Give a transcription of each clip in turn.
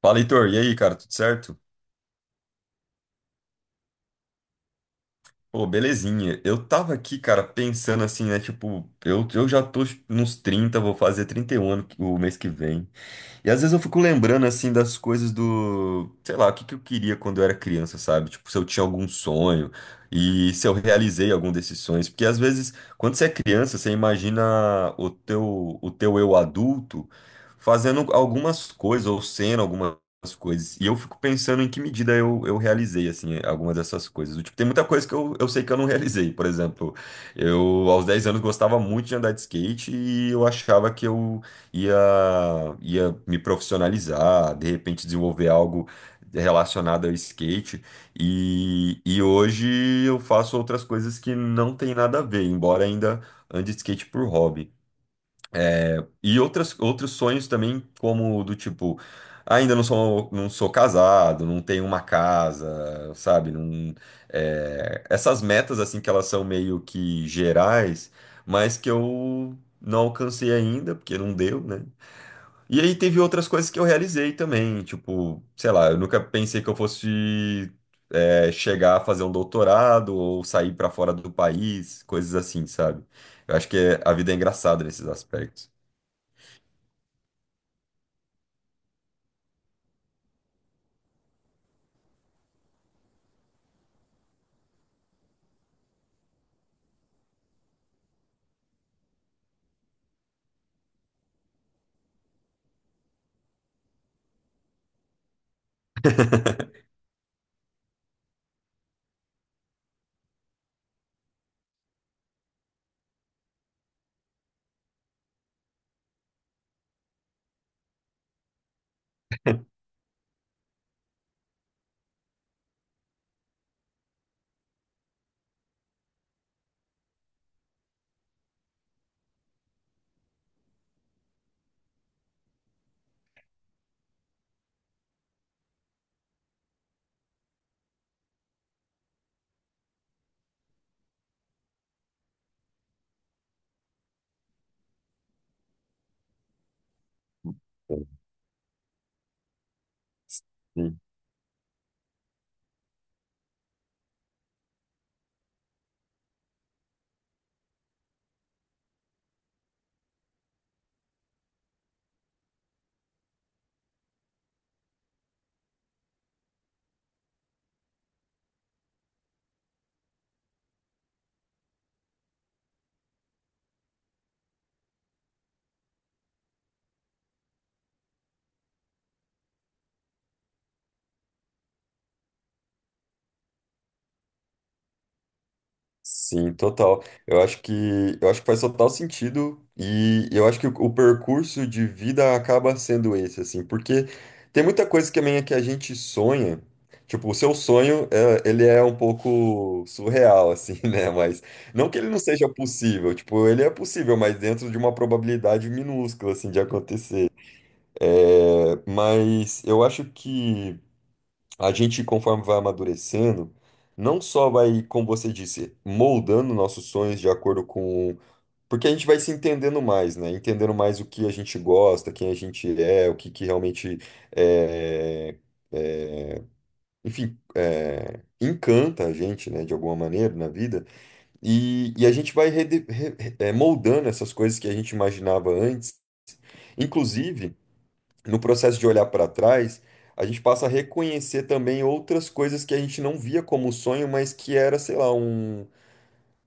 Fala, Heitor. E aí, cara, tudo certo? Pô, belezinha. Eu tava aqui, cara, pensando assim, né? Tipo, eu já tô tipo, nos 30. Vou fazer 31 ano o mês que vem. E às vezes eu fico lembrando, assim, das coisas do, sei lá, o que que eu queria quando eu era criança, sabe? Tipo, se eu tinha algum sonho e se eu realizei algum desses sonhos. Porque às vezes, quando você é criança, você imagina o teu eu adulto fazendo algumas coisas ou sendo algumas coisas. E eu fico pensando em que medida eu realizei, assim, algumas dessas coisas. Do tipo, tem muita coisa que eu sei que eu não realizei. Por exemplo, eu aos 10 anos gostava muito de andar de skate e eu achava que eu ia, ia me profissionalizar, de repente desenvolver algo relacionado ao skate. E hoje eu faço outras coisas que não tem nada a ver, embora ainda ande de skate por hobby. E outros sonhos também, como do tipo, ainda não sou casado, não tenho uma casa, sabe? Não, é, essas metas, assim, que elas são meio que gerais, mas que eu não alcancei ainda, porque não deu, né? E aí teve outras coisas que eu realizei também, tipo, sei lá, eu nunca pensei que eu fosse chegar a fazer um doutorado ou sair pra fora do país, coisas assim, sabe? Eu acho que a vida é engraçada nesses aspectos. Sim, total. Eu acho que faz total sentido e eu acho que o percurso de vida acaba sendo esse, assim, porque tem muita coisa que também é que a gente sonha. Tipo, o seu sonho, ele é um pouco surreal, assim, né? Mas não que ele não seja possível, tipo, ele é possível, mas dentro de uma probabilidade minúscula, assim, de acontecer. É, mas eu acho que a gente, conforme vai amadurecendo, não só vai, como você disse, moldando nossos sonhos de acordo com. Porque a gente vai se entendendo mais, né? Entendendo mais o que a gente gosta, quem a gente é, o que, que realmente é, é, enfim, encanta a gente, né, de alguma maneira na vida. E a gente vai moldando essas coisas que a gente imaginava antes. Inclusive no processo de olhar para trás, a gente passa a reconhecer também outras coisas que a gente não via como sonho, mas que era, sei lá,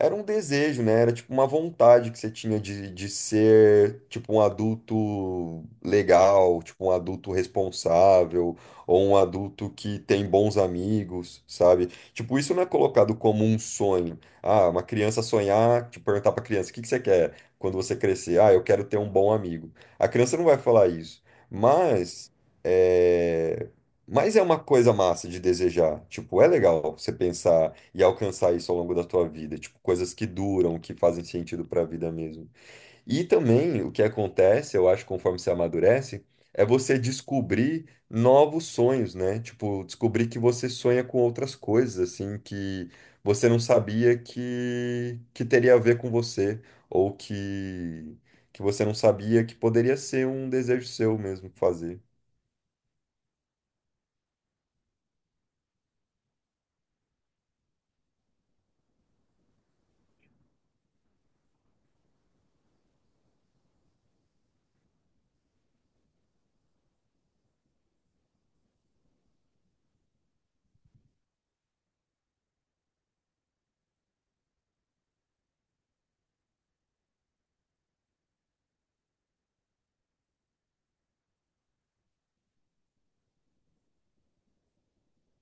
era um desejo, né? Era tipo uma vontade que você tinha de ser tipo um adulto legal, tipo um adulto responsável, ou um adulto que tem bons amigos, sabe? Tipo, isso não é colocado como um sonho. Ah, uma criança sonhar, tipo, perguntar pra criança, o que que você quer quando você crescer? Ah, eu quero ter um bom amigo. A criança não vai falar isso. Mas. eh, mas é uma coisa massa de desejar. Tipo, é legal você pensar e alcançar isso ao longo da tua vida. Tipo, coisas que duram, que fazem sentido pra vida mesmo. E também o que acontece, eu acho, conforme você amadurece, é você descobrir novos sonhos, né? Tipo, descobrir que você sonha com outras coisas, assim, que você não sabia que teria a ver com você, ou que você não sabia que poderia ser um desejo seu mesmo fazer.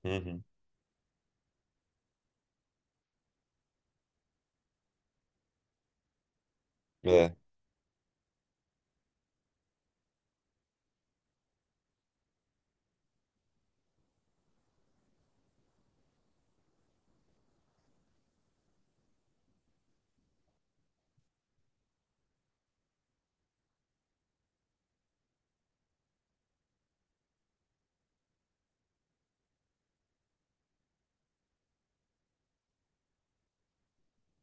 Uhum. É.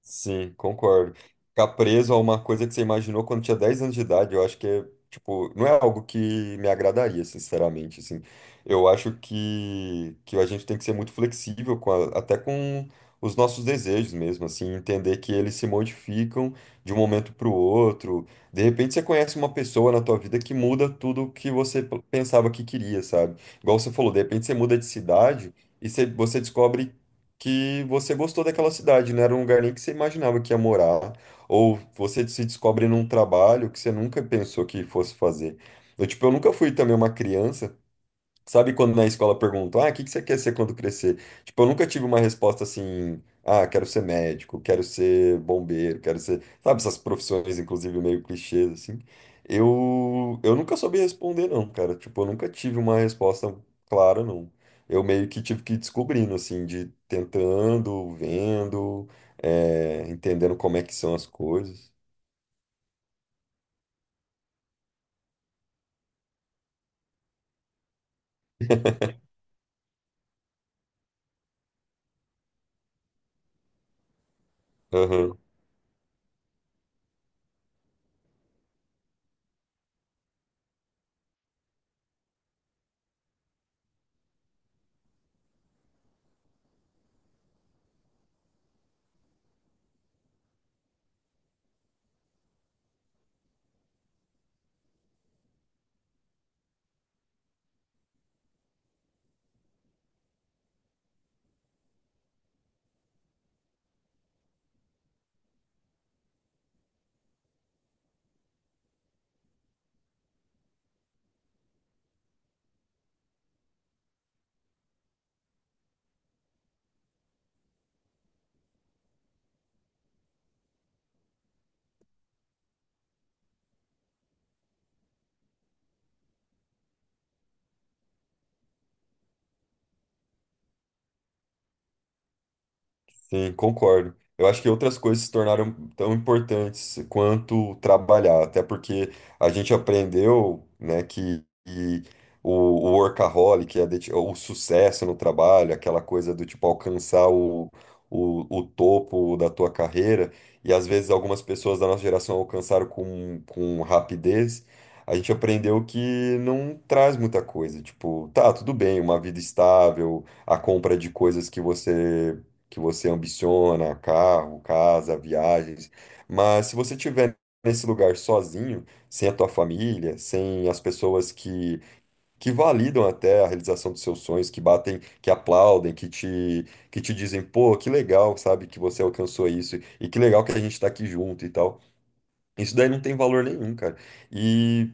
Sim, concordo. Ficar preso a uma coisa que você imaginou quando tinha 10 anos de idade, eu acho que é, tipo, não é algo que me agradaria, sinceramente, assim. Eu acho que a gente tem que ser muito flexível com até com os nossos desejos mesmo, assim, entender que eles se modificam de um momento para o outro. De repente você conhece uma pessoa na tua vida que muda tudo o que você pensava que queria, sabe? Igual você falou, de repente você muda de cidade e você descobre que você gostou daquela cidade, não era um lugar nem que você imaginava que ia morar, ou você se descobre num trabalho que você nunca pensou que fosse fazer. Eu, tipo, eu nunca fui também uma criança. Sabe quando na escola perguntam, ah, o que que você quer ser quando crescer? Tipo, eu nunca tive uma resposta assim, ah, quero ser médico, quero ser bombeiro, quero ser, sabe, essas profissões, inclusive, meio clichês, assim. Eu nunca soube responder, não, cara. Tipo, eu nunca tive uma resposta clara, não. Eu meio que tive que ir descobrindo, assim, de tentando, vendo, entendendo como é que são as coisas. Sim, concordo. Eu acho que outras coisas se tornaram tão importantes quanto trabalhar, até porque a gente aprendeu, né, que o workaholic, a o sucesso no trabalho, aquela coisa do tipo alcançar o topo da tua carreira, e às vezes algumas pessoas da nossa geração alcançaram com rapidez, a gente aprendeu que não traz muita coisa. Tipo, tá, tudo bem, uma vida estável, a compra de coisas que você ambiciona, carro, casa, viagens. Mas se você estiver nesse lugar sozinho, sem a tua família, sem as pessoas que validam até a realização dos seus sonhos, que batem, que aplaudem, que te dizem, pô, que legal, sabe, que você alcançou isso, e que legal que a gente tá aqui junto e tal. Isso daí não tem valor nenhum, cara. E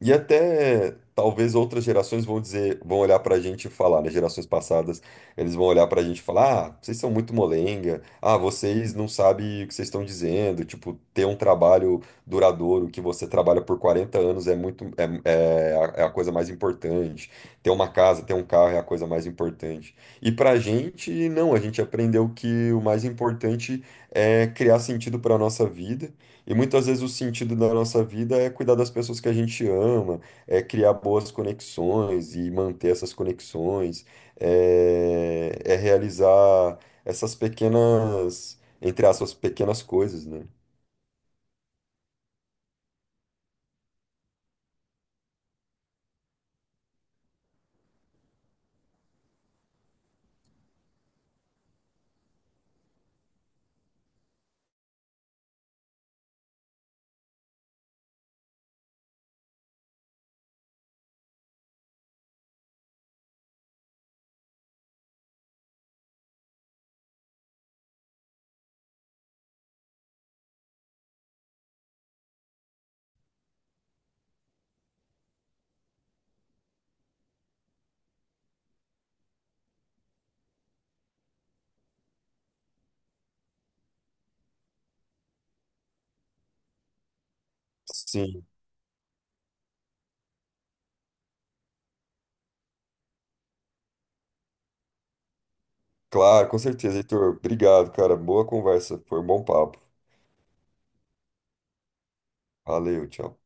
e até talvez outras gerações vão dizer, vão olhar pra gente e falar, né? Gerações passadas, eles vão olhar pra gente e falar: ah, vocês são muito molenga, ah, vocês não sabem o que vocês estão dizendo. Tipo, ter um trabalho duradouro que você trabalha por 40 anos é muito, é a coisa mais importante. Ter uma casa, ter um carro é a coisa mais importante. E pra gente, não, a gente aprendeu que o mais importante é criar sentido pra nossa vida e muitas vezes o sentido da nossa vida é cuidar das pessoas que a gente ama, é criar boas conexões e manter essas conexões, é realizar essas pequenas, entre aspas, pequenas coisas, né? Sim, claro, com certeza, Heitor. Obrigado, cara. Boa conversa, foi um bom papo. Valeu, tchau.